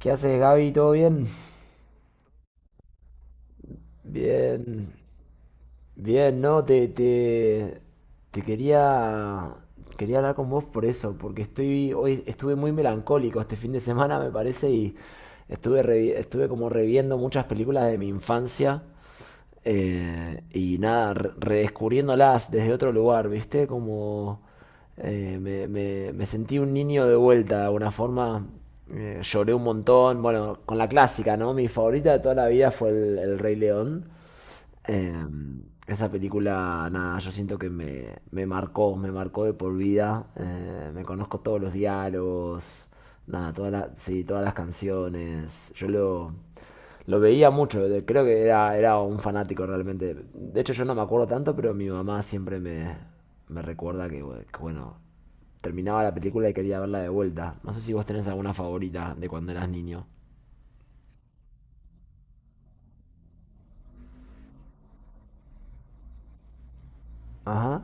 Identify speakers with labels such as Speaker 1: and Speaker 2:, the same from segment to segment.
Speaker 1: ¿Qué haces, Gaby? ¿Todo bien? Bien, bien, ¿no? Te quería, quería hablar con vos por eso, porque hoy estuve muy melancólico este fin de semana, me parece, y estuve como reviendo muchas películas de mi infancia. Y nada, redescubriéndolas desde otro lugar, ¿viste? Como me sentí un niño de vuelta, de alguna forma. Lloré un montón. Bueno, con la clásica, ¿no? Mi favorita de toda la vida fue el Rey León. Eh, Esa película, nada, yo siento que me marcó de por vida. Me conozco todos los diálogos, nada, sí, todas las canciones. Lo veía mucho, creo que era un fanático realmente. De hecho, yo no me acuerdo tanto, pero mi mamá siempre me recuerda bueno, terminaba la película y quería verla de vuelta. No sé si vos tenés alguna favorita de cuando eras niño. Ajá,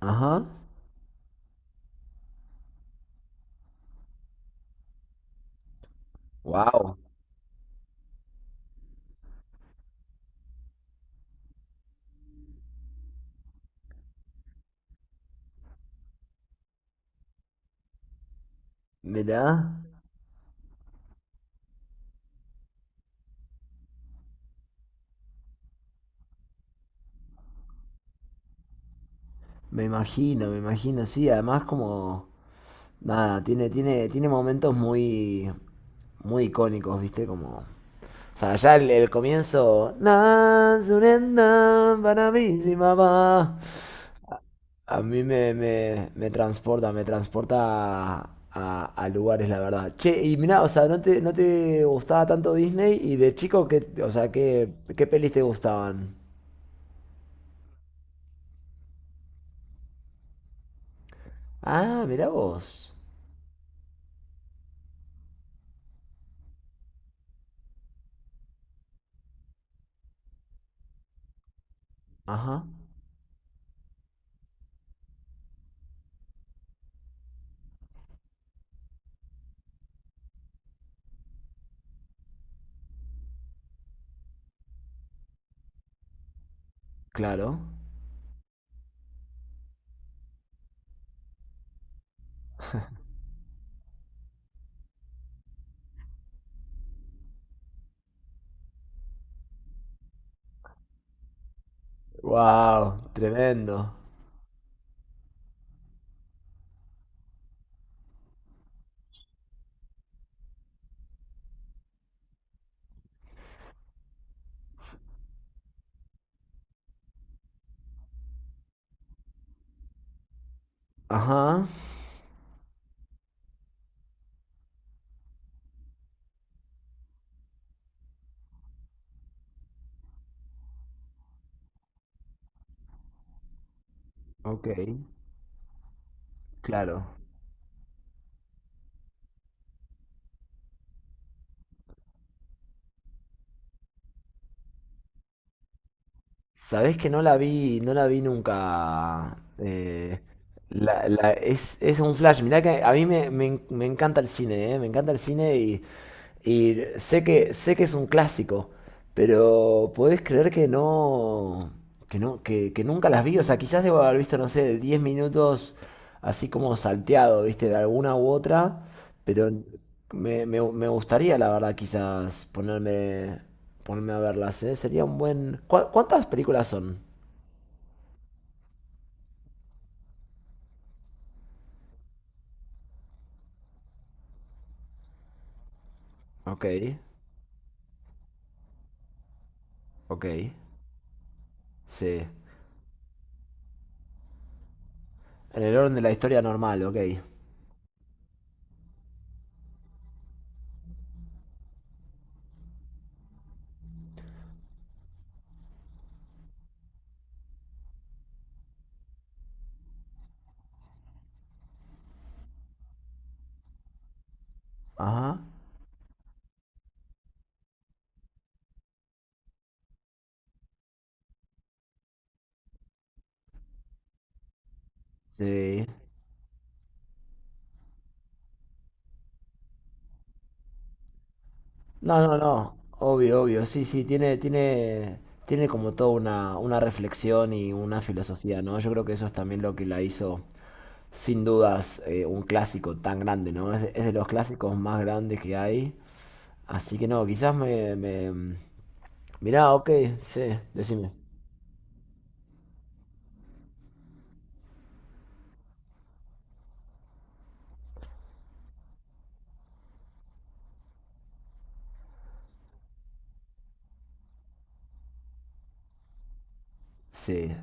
Speaker 1: ajá. Wow. Mirá. Me imagino, sí, además como nada, tiene momentos muy muy icónicos, ¿viste? Como o sea, ya el comienzo "Na, surenda, para mí, sí, mamá". A mí me transporta a lugares, la verdad. Che, y mirá, o sea, no te gustaba tanto Disney? Y de chico, ¿qué, o sea, qué, qué pelis te gustaban? Ah, mirá vos. Ajá, claro. Wow, tremendo. Ajá, ok, claro. Sabés que no la vi, no la vi nunca. Es un flash. Mirá que a mí me encanta el cine, me encanta el cine y sé que es un clásico, pero podés creer que no, que nunca las vi. O sea, quizás debo haber visto, no sé, 10 minutos así como salteado, ¿viste? De alguna u otra, pero me gustaría, la verdad, ponerme a verlas, ¿eh? Sería un buen... Cuántas películas son? Ok, ok, sí. En el orden de la historia normal, ok. Ajá, sí. No, no, no, obvio, obvio, sí, sí, tiene como toda una reflexión y una filosofía, ¿no? Yo creo que eso es también lo que la hizo, sin dudas, un clásico tan grande, ¿no? De es de los clásicos más grandes que hay, así que no, quizás me... Mirá, ok, sí, decime. Sí.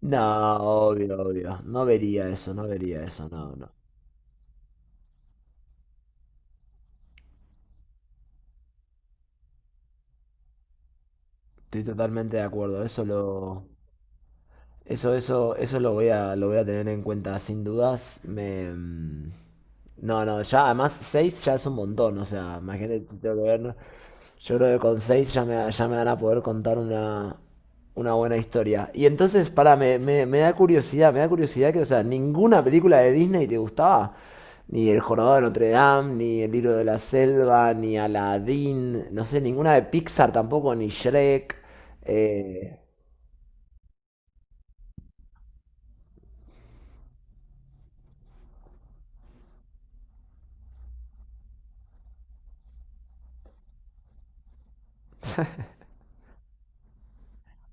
Speaker 1: No, obvio, obvio, no vería eso, no vería eso, no, no. Estoy totalmente de acuerdo, eso lo... Eso lo voy a tener en cuenta sin dudas. Me... mm, no, no, ya además 6 ya es un montón, o sea, imagínate, tengo que ver, ¿no? Yo creo que con 6 ya me van a poder contar una buena historia. Y entonces, me da curiosidad que, o sea, ninguna película de Disney te gustaba. Ni El Jorobado de Notre Dame, ni El Libro de la Selva, ni Aladdin, no sé, ninguna de Pixar tampoco, ni Shrek. Eh,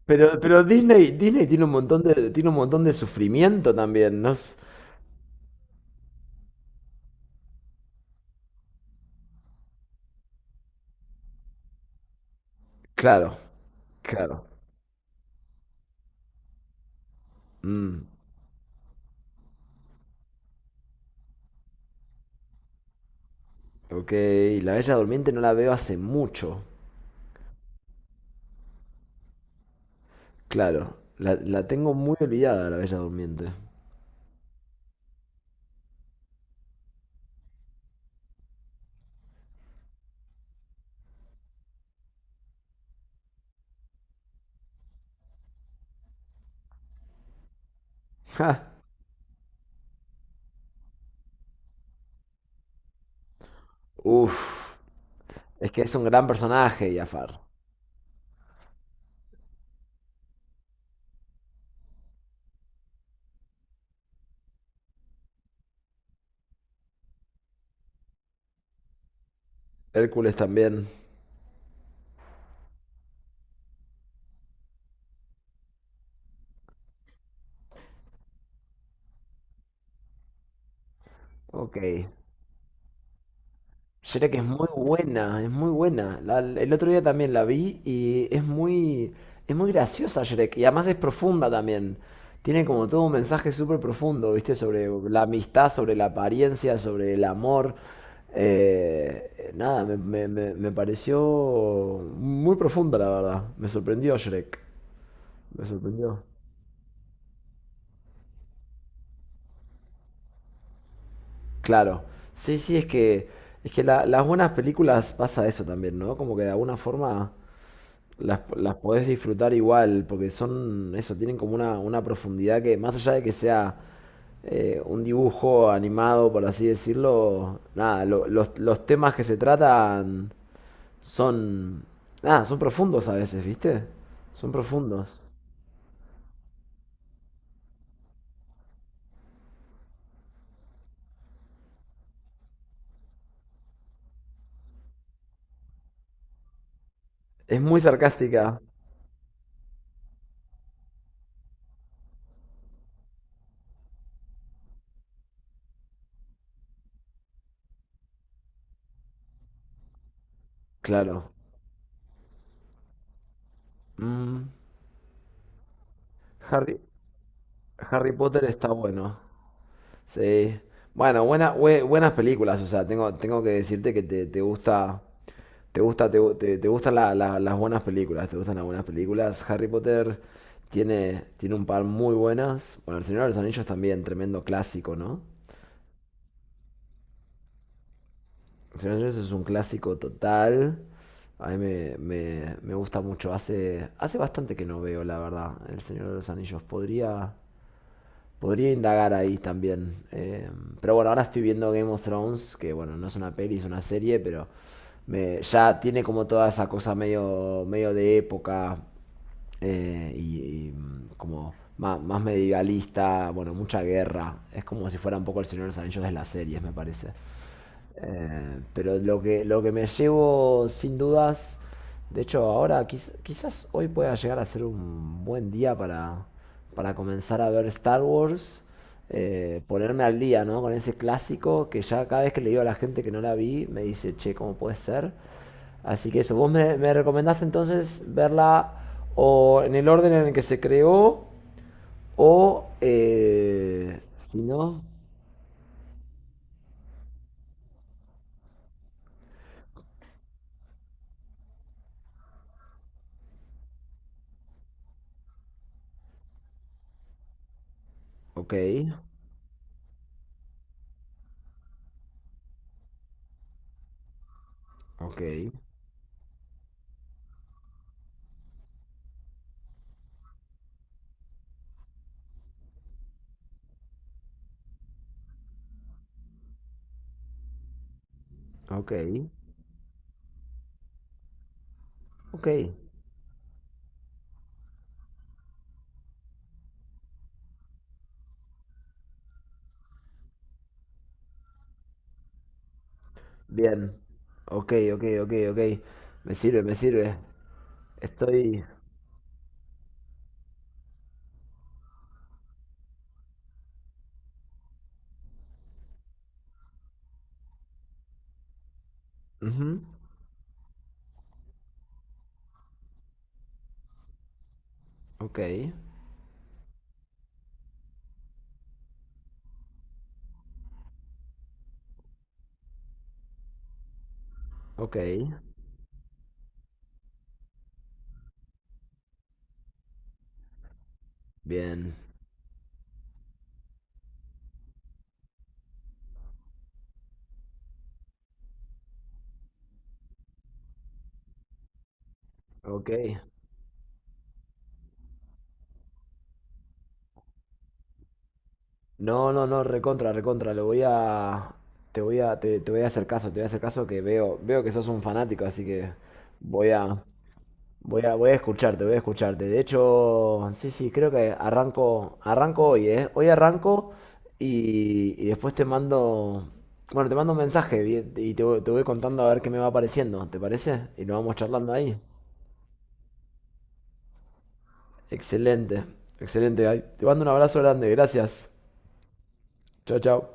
Speaker 1: pero Disney tiene un montón de, tiene un montón de sufrimiento también, ¿no? es- Claro, claro. Mm, ok, La Bella Durmiente no la veo hace mucho. Claro, la tengo muy olvidada, la Bella Durmiente. Ja, Uf, es que es un gran personaje, Jafar. Hércules también. Ok. Shrek es muy buena, es muy buena. El otro día también la vi y es muy graciosa Shrek. Y además es profunda también. Tiene como todo un mensaje súper profundo, ¿viste? Sobre la amistad, sobre la apariencia, sobre el amor. Nada, me pareció muy profunda, la verdad. Me sorprendió Shrek. Me sorprendió. Claro. Sí, sí, es que las buenas películas pasa eso también, ¿no? Como que de alguna forma las podés disfrutar igual, porque son, eso, tienen como una profundidad que, más allá de que sea un dibujo animado, por así decirlo, nada, los temas que se tratan son, nada, son profundos a veces, ¿viste? Son profundos. Es muy sarcástica, claro. Mm, Harry, Harry Potter está bueno. Sí. Bueno, buenas películas, o sea, tengo, tengo que decirte que te gusta. ¿Te gusta, te gustan las buenas películas? ¿Te gustan las buenas películas? Harry Potter tiene, tiene un par muy buenas. Bueno, El Señor de los Anillos también, tremendo clásico, ¿no? El Señor de los Anillos es un clásico total. A mí me gusta mucho. Hace, hace bastante que no veo, la verdad, El Señor de los Anillos. Podría, podría indagar ahí también. Pero bueno, ahora estoy viendo Game of Thrones, que bueno, no es una peli, es una serie, pero ya tiene como toda esa cosa medio, medio de época, mm, como más, medievalista, bueno, mucha guerra. Es como si fuera un poco el Señor de los Anillos de las series, me parece. Pero lo que me llevo sin dudas, de hecho ahora quizás hoy pueda llegar a ser un buen día para comenzar a ver Star Wars, ponerme al día, ¿no? Con ese clásico que ya cada vez que le digo a la gente que no la vi, me dice, che, ¿cómo puede ser? Así que eso, vos me recomendaste entonces verla o en el orden en el que se creó o si no, ok, ok. Ok, ok. Bien. Ok, ok, ok, ok. Me sirve, me sirve. Estoy... ujú, ok, ok. Bien. Ok. No, no, no, recontra, recontra. Lo voy a... te voy a hacer caso, te voy a hacer caso que veo, veo que sos un fanático, así que voy a... Voy a, voy a escucharte, voy a escucharte. De hecho, sí, sí, creo que arranco, arranco hoy, ¿eh? Hoy arranco y después te mando, bueno, te mando un mensaje bien, y te voy contando a ver qué me va apareciendo, ¿te parece? Y lo vamos charlando ahí. Excelente, excelente, Gaby. Te mando un abrazo grande, gracias. Chao, chao.